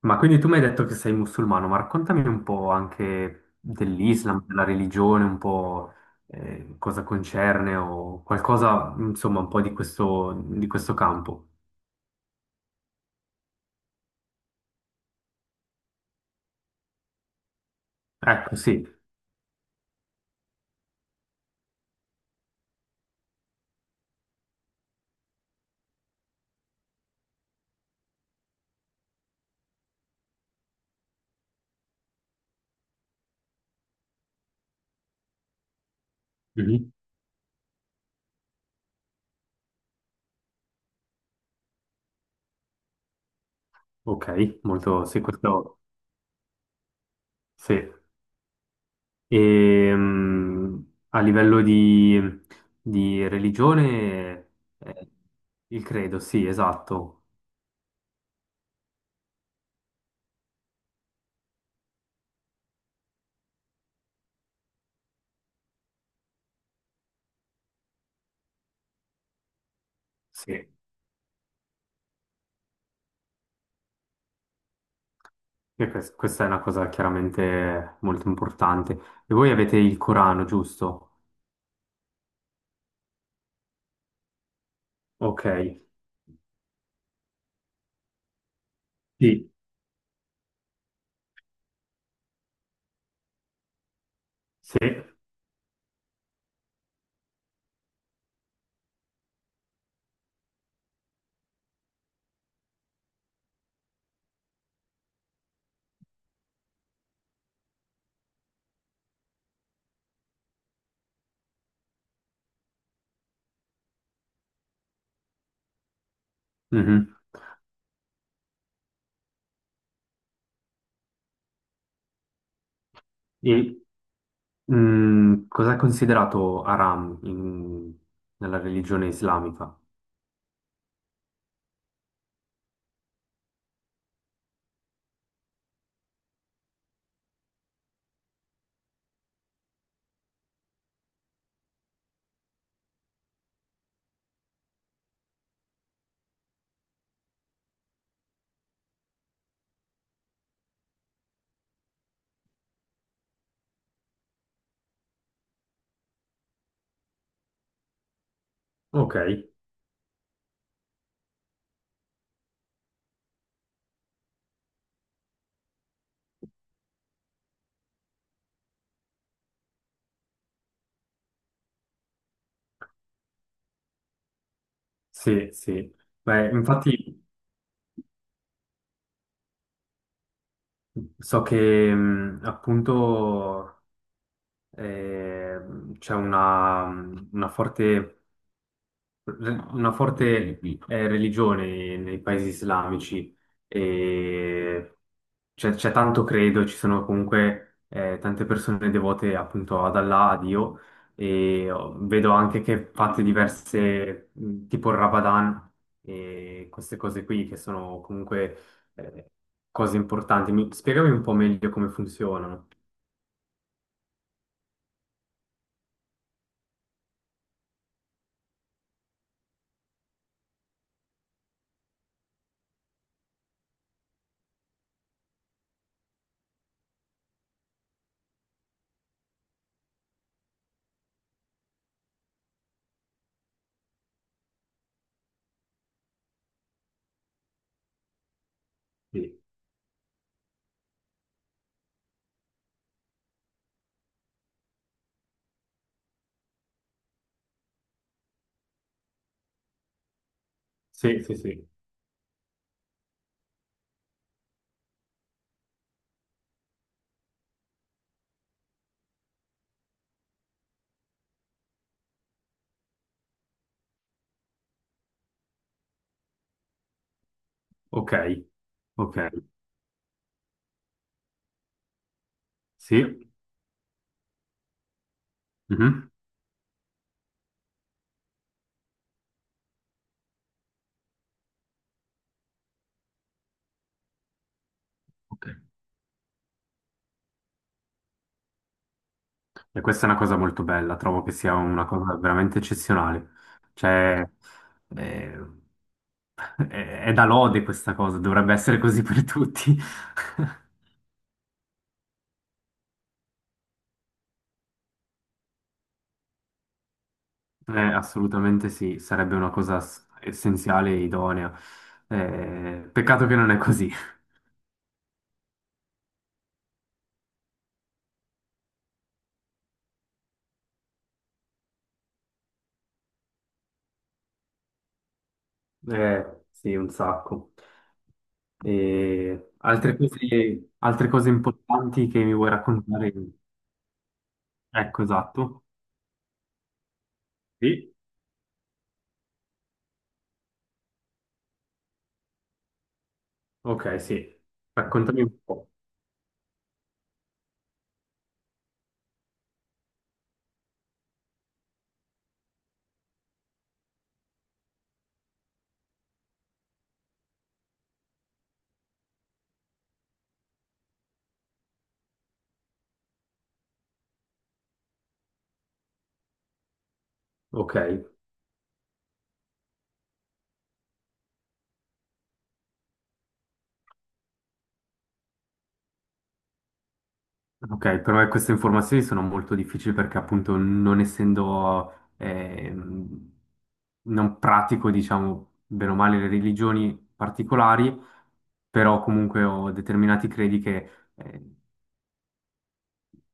Ma quindi tu mi hai detto che sei musulmano, ma raccontami un po' anche dell'Islam, della religione, un po' cosa concerne o qualcosa, insomma, un po' di questo campo. Ecco, sì. Mhm. Ok, molto, sì, questo, sì. E, a livello di religione, eh, il credo, sì, esatto. Sì. E questa è una cosa chiaramente molto importante. E voi avete il Corano, giusto? Ok. Sì. Sì. Mhm. E cosa è considerato haram nella religione islamica? Ok. Sì, sì. Beh, infatti so che appunto eh, c'è una forte una forte religione nei paesi islamici e c'è tanto credo, ci sono comunque tante persone devote appunto ad Allah, a Dio e oh, vedo anche che fate diverse, tipo il Ramadan e queste cose qui che sono comunque eh, cose importanti. Mi- spiegami un po' meglio come funzionano. Sì, sì, sì. Sì. Ok, ok. Sì. Mhm. Ok. E questa è una cosa molto bella, trovo che sia una cosa veramente eccezionale. Cioè, eh, è da lode questa cosa, dovrebbe essere così per tutti. Assolutamente sì, sarebbe una cosa essenziale e idonea. Peccato che non è così. Sì, un sacco. E altre cose importanti che mi vuoi raccontare? Ecco, esatto. Sì. Ok, sì. Raccontami un po'. Ok. Ok, però queste informazioni sono molto difficili perché appunto non essendo, non pratico, diciamo, bene o male le religioni particolari, però comunque ho determinati credi che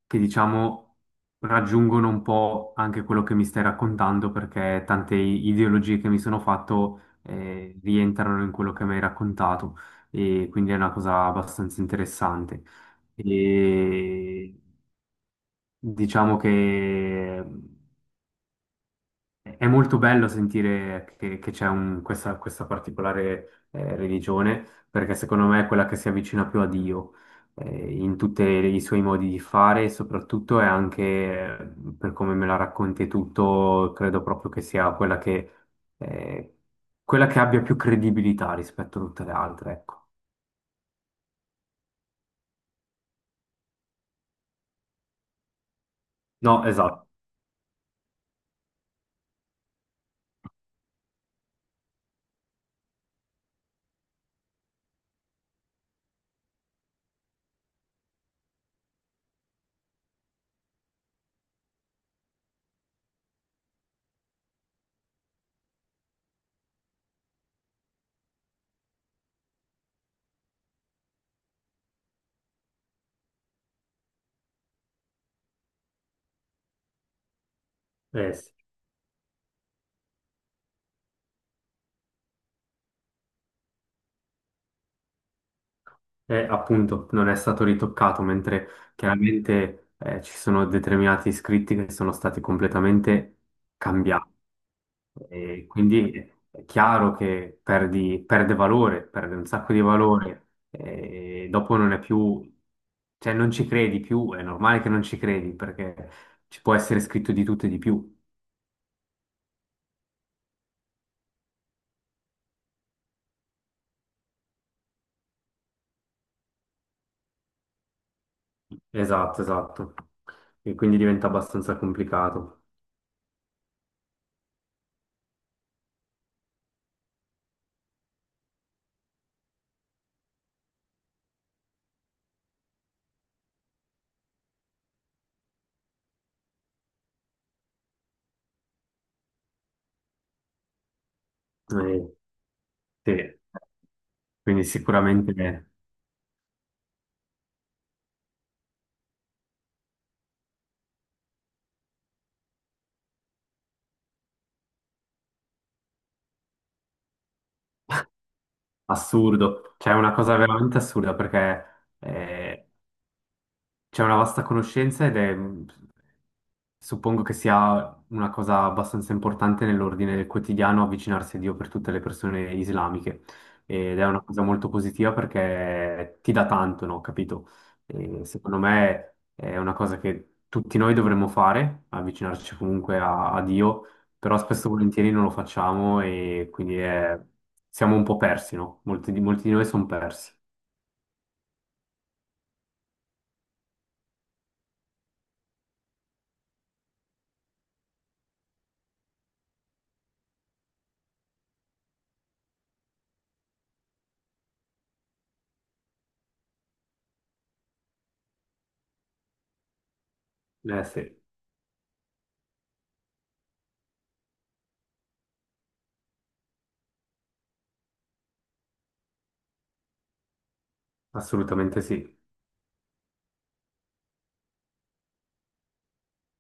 che diciamo raggiungono un po' anche quello che mi stai raccontando perché tante ideologie che mi sono fatto, rientrano in quello che mi hai raccontato e quindi è una cosa abbastanza interessante. E diciamo che è molto bello sentire che questa, questa particolare religione, perché secondo me è quella che si avvicina più a Dio in tutti i suoi modi di fare, e soprattutto è anche, per come me la racconti e tutto, credo proprio che sia quella che, eh, quella che abbia più credibilità rispetto a tutte le altre, ecco. No, esatto. Eh, eh, appunto, non è stato ritoccato, mentre chiaramente ci sono determinati scritti che sono stati completamente cambiati. E quindi è chiaro che perde valore, perde un sacco di valore, e dopo non è più, cioè non ci credi più, è normale che non ci credi, perché ci può essere scritto di tutto e di più. Esatto, esatto. E quindi diventa abbastanza complicato. Eh, sì. Quindi sicuramente. Assurdo, cioè è una cosa veramente assurda perché eh, c'è una vasta conoscenza ed è, suppongo che sia una cosa abbastanza importante nell'ordine del quotidiano avvicinarsi a Dio per tutte le persone islamiche. Ed è una cosa molto positiva perché ti dà tanto, no? Capito? E secondo me è una cosa che tutti noi dovremmo fare, avvicinarci comunque a, a Dio, però spesso e volentieri non lo facciamo e siamo un po' persi, no? Molti di noi sono persi. Eh sì, assolutamente sì.